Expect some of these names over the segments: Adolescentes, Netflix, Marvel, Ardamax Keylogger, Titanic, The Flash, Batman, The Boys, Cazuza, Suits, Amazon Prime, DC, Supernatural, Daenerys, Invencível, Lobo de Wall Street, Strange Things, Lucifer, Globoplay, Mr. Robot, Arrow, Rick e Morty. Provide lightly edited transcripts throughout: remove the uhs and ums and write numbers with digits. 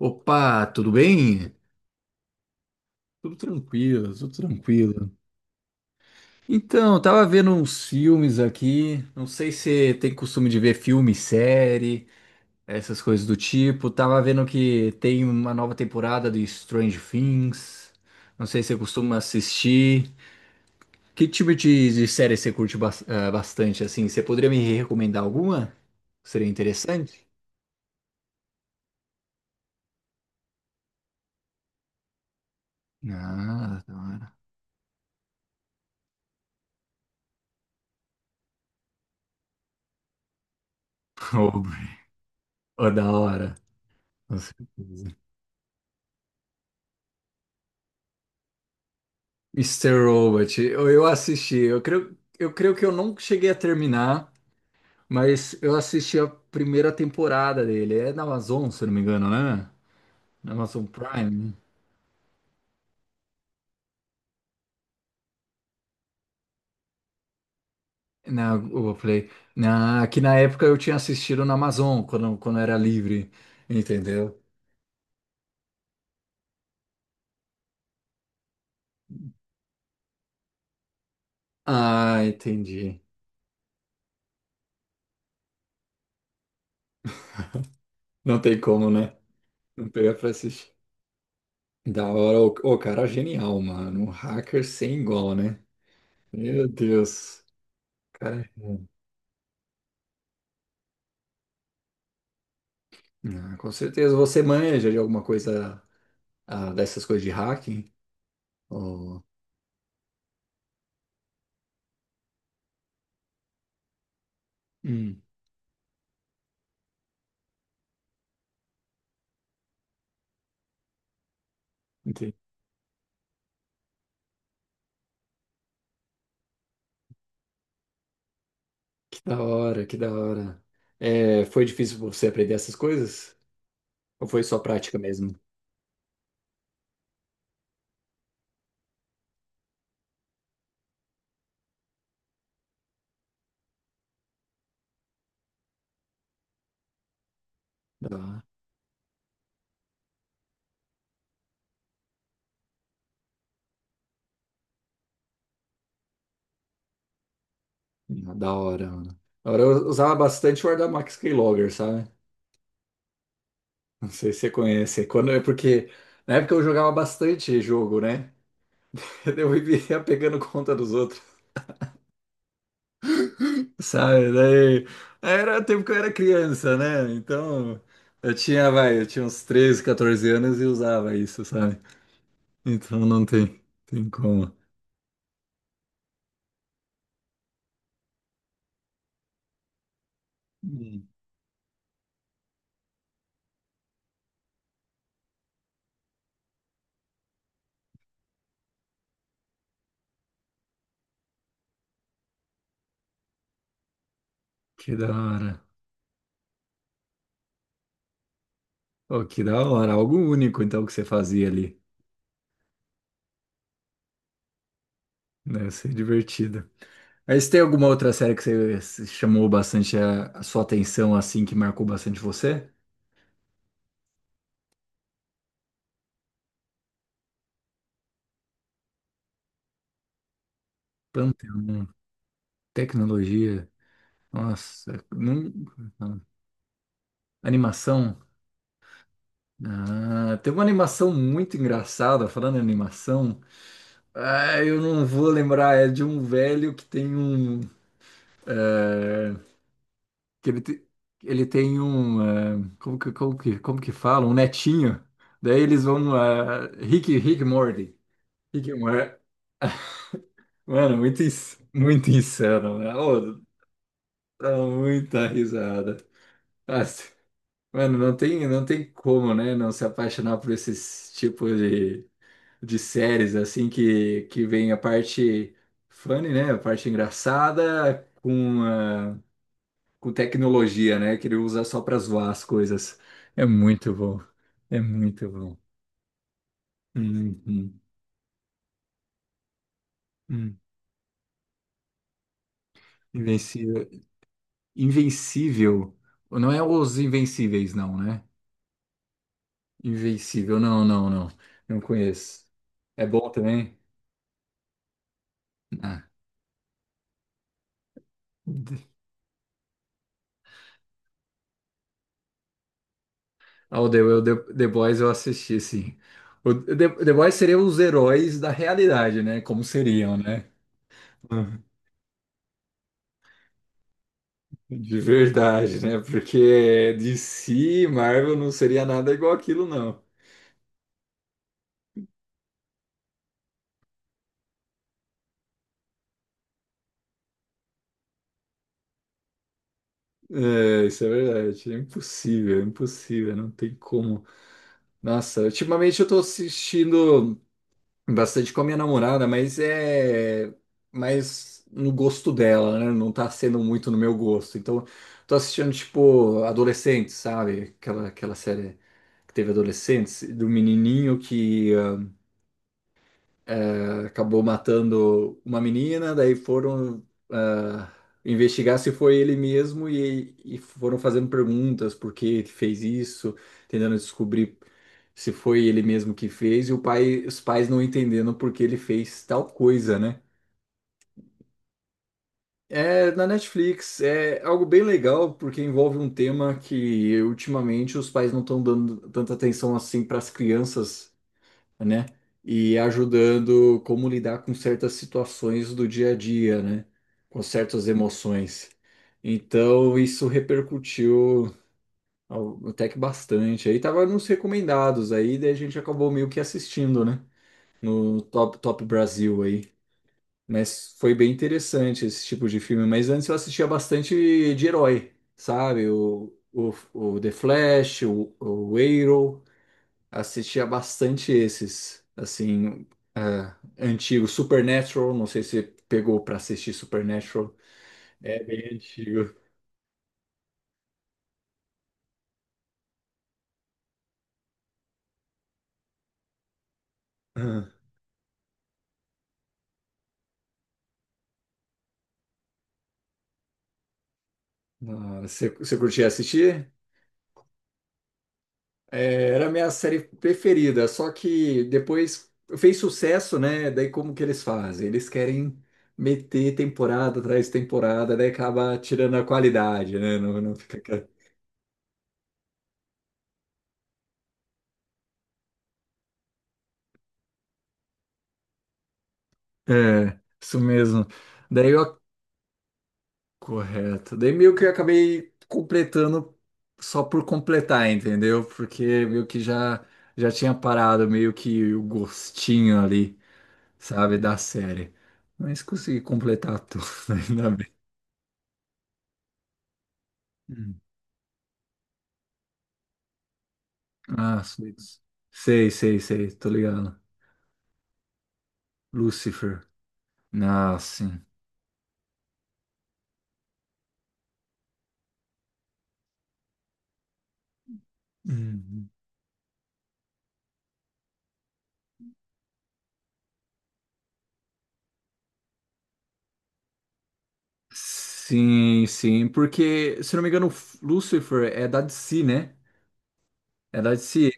Opa, tudo bem? Tudo tranquilo, tudo tranquilo. Então, eu tava vendo uns filmes aqui. Não sei se você tem costume de ver filme, série, essas coisas do tipo. Tava vendo que tem uma nova temporada de Strange Things. Não sei se você costuma assistir. Que tipo de série você curte bastante, assim? Você poderia me recomendar alguma? Seria interessante? Ah, da hora. Ô, da hora. Com certeza. Mr. Robot, eu assisti, eu creio que eu não cheguei a terminar, mas eu assisti a primeira temporada dele. É na Amazon, se eu não me engano, né? Na Amazon Prime, né? Na Globoplay. Que na época eu tinha assistido na Amazon, quando era livre, entendeu? Ah, entendi. Não tem como, né? Não pegar pra assistir. Da hora, o cara é genial, mano. Um hacker sem igual, né? Meu Deus. Cara. Ah, com certeza. Você manja de alguma coisa dessas coisas de hacking? Oh, hum, entendi. Que da hora, que da hora. É, foi difícil pra você aprender essas coisas? Ou foi só prática mesmo? Da, da hora, mano. Da hora eu usava bastante o Ardamax Keylogger, sabe? Não sei se você conhece. Quando é porque na época eu jogava bastante jogo, né? Eu vivia pegando conta dos outros. Sabe, daí era o tempo que eu era criança, né? Então eu tinha, vai, eu tinha uns 13 14 anos e usava isso, sabe? Então não tem, tem como. Hum. Que da hora. Pô, que da hora, algo único então que você fazia ali. Deve ser divertido. Mas tem alguma outra série que você se chamou bastante a sua atenção, assim, que marcou bastante você? Pantheon, tecnologia, nossa, não. Animação. Ah, tem uma animação muito engraçada, falando em animação. Ah, eu não vou lembrar, é de um velho que tem um. eh, que ele, ele tem um. Como que fala? Um netinho. Daí eles vão. Rick e Morty. Rick e Morty. Mano, muito, muito insano, né? Oh, dá muita risada. Nossa, mano, não tem, não tem como, né? Não se apaixonar por esses tipos de séries, assim, que vem a parte funny, né? A parte engraçada com, com tecnologia, né? Que ele usa só para zoar as coisas. É muito bom. É muito bom. Uhum. Hum. Invencível. Invencível. Não é os Invencíveis, não, né? Invencível, não, não, não. Não conheço. É bom também? Ah. Ah, The Boys eu assisti, sim. The Boys seriam os heróis da realidade, né? Como seriam, né? Uhum. De verdade, né? Porque DC, Marvel não seria nada igual aquilo, não. É, isso é verdade. É impossível, não tem como. Nossa, ultimamente eu tô assistindo. Bastante com a minha namorada, mas é mais no gosto dela, né? Não tá sendo muito no meu gosto. Então, tô assistindo, tipo, Adolescentes, sabe? Aquela série que teve Adolescentes, do menininho que acabou matando uma menina, daí foram ah, investigar se foi ele mesmo e foram fazendo perguntas por que que fez isso, tentando descobrir se foi ele mesmo que fez e o pai, os pais não entendendo por que ele fez tal coisa, né? É, na Netflix é algo bem legal porque envolve um tema que ultimamente os pais não estão dando tanta atenção assim para as crianças, né? E ajudando como lidar com certas situações do dia a dia, né? Com certas emoções. Então, isso repercutiu até que bastante. Aí tava nos recomendados aí, daí a gente acabou meio que assistindo, né? No Top Brasil aí. Mas foi bem interessante esse tipo de filme. Mas antes eu assistia bastante de herói, sabe? O The Flash, o Arrow assistia bastante esses, assim, antigos. Supernatural, não sei se pegou pra assistir Supernatural. É bem antigo. Ah, você curtia assistir? É, era a minha série preferida, só que depois fez sucesso, né? Daí como que eles fazem? Eles querem meter temporada atrás de temporada, daí acaba tirando a qualidade, né? Não, não fica... aquela- É, isso mesmo. Daí eu Correto. Daí meio que eu acabei completando só por completar, entendeu? Porque meio que já já tinha parado meio que o gostinho ali, sabe, da série. Mas consegui completar tudo, ainda bem. Hum. Ah, sei, sei, sei, sei, tô ligado. Lucifer. Ah, sim. Uhum. Sim, sim, porque, se não me engano, Lucifer é da DC, né? É da DC.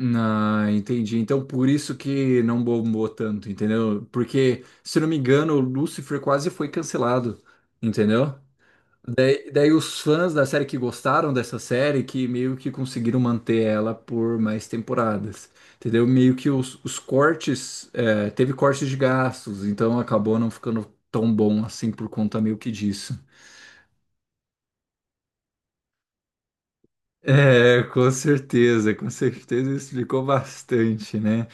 Ah, entendi. Então, por isso que não bombou tanto, entendeu? Porque, se não me engano, o Lucifer quase foi cancelado, entendeu? Daí os fãs da série que gostaram dessa série, que meio que conseguiram manter ela por mais temporadas, entendeu? Meio que os cortes, teve cortes de gastos, então acabou não ficando tão bom assim por conta meio que disso. É, com certeza explicou bastante, né?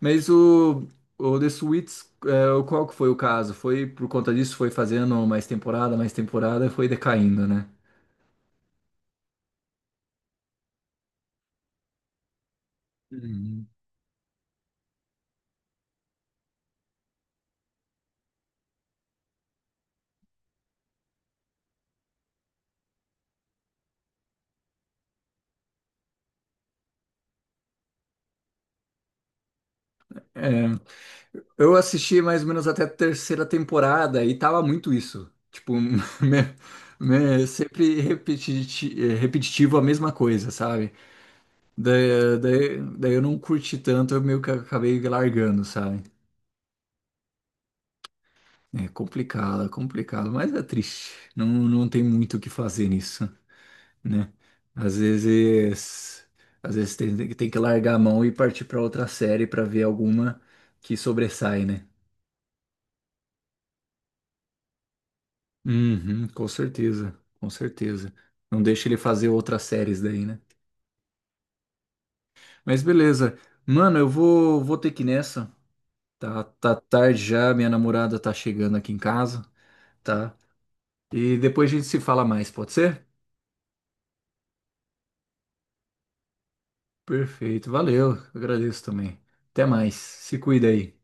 Mas o The Suits, é, qual que foi o caso? Foi por conta disso, foi fazendo mais temporada, foi decaindo, né? Uhum. É, eu assisti mais ou menos até a terceira temporada e tava muito isso. Tipo, sempre repetitivo a mesma coisa, sabe? Daí eu não curti tanto, eu meio que acabei largando, sabe? É complicado, mas é triste. Não, não tem muito o que fazer nisso, né? Às vezes, às vezes tem, que largar a mão e partir para outra série para ver alguma que sobressai, né? Uhum, com certeza, com certeza. Não deixa ele fazer outras séries daí, né? Mas beleza. Mano, eu vou ter que ir nessa. Tá, tá tarde já, minha namorada tá chegando aqui em casa, tá? E depois a gente se fala mais, pode ser? Perfeito, valeu, eu agradeço também. Até mais, se cuida aí.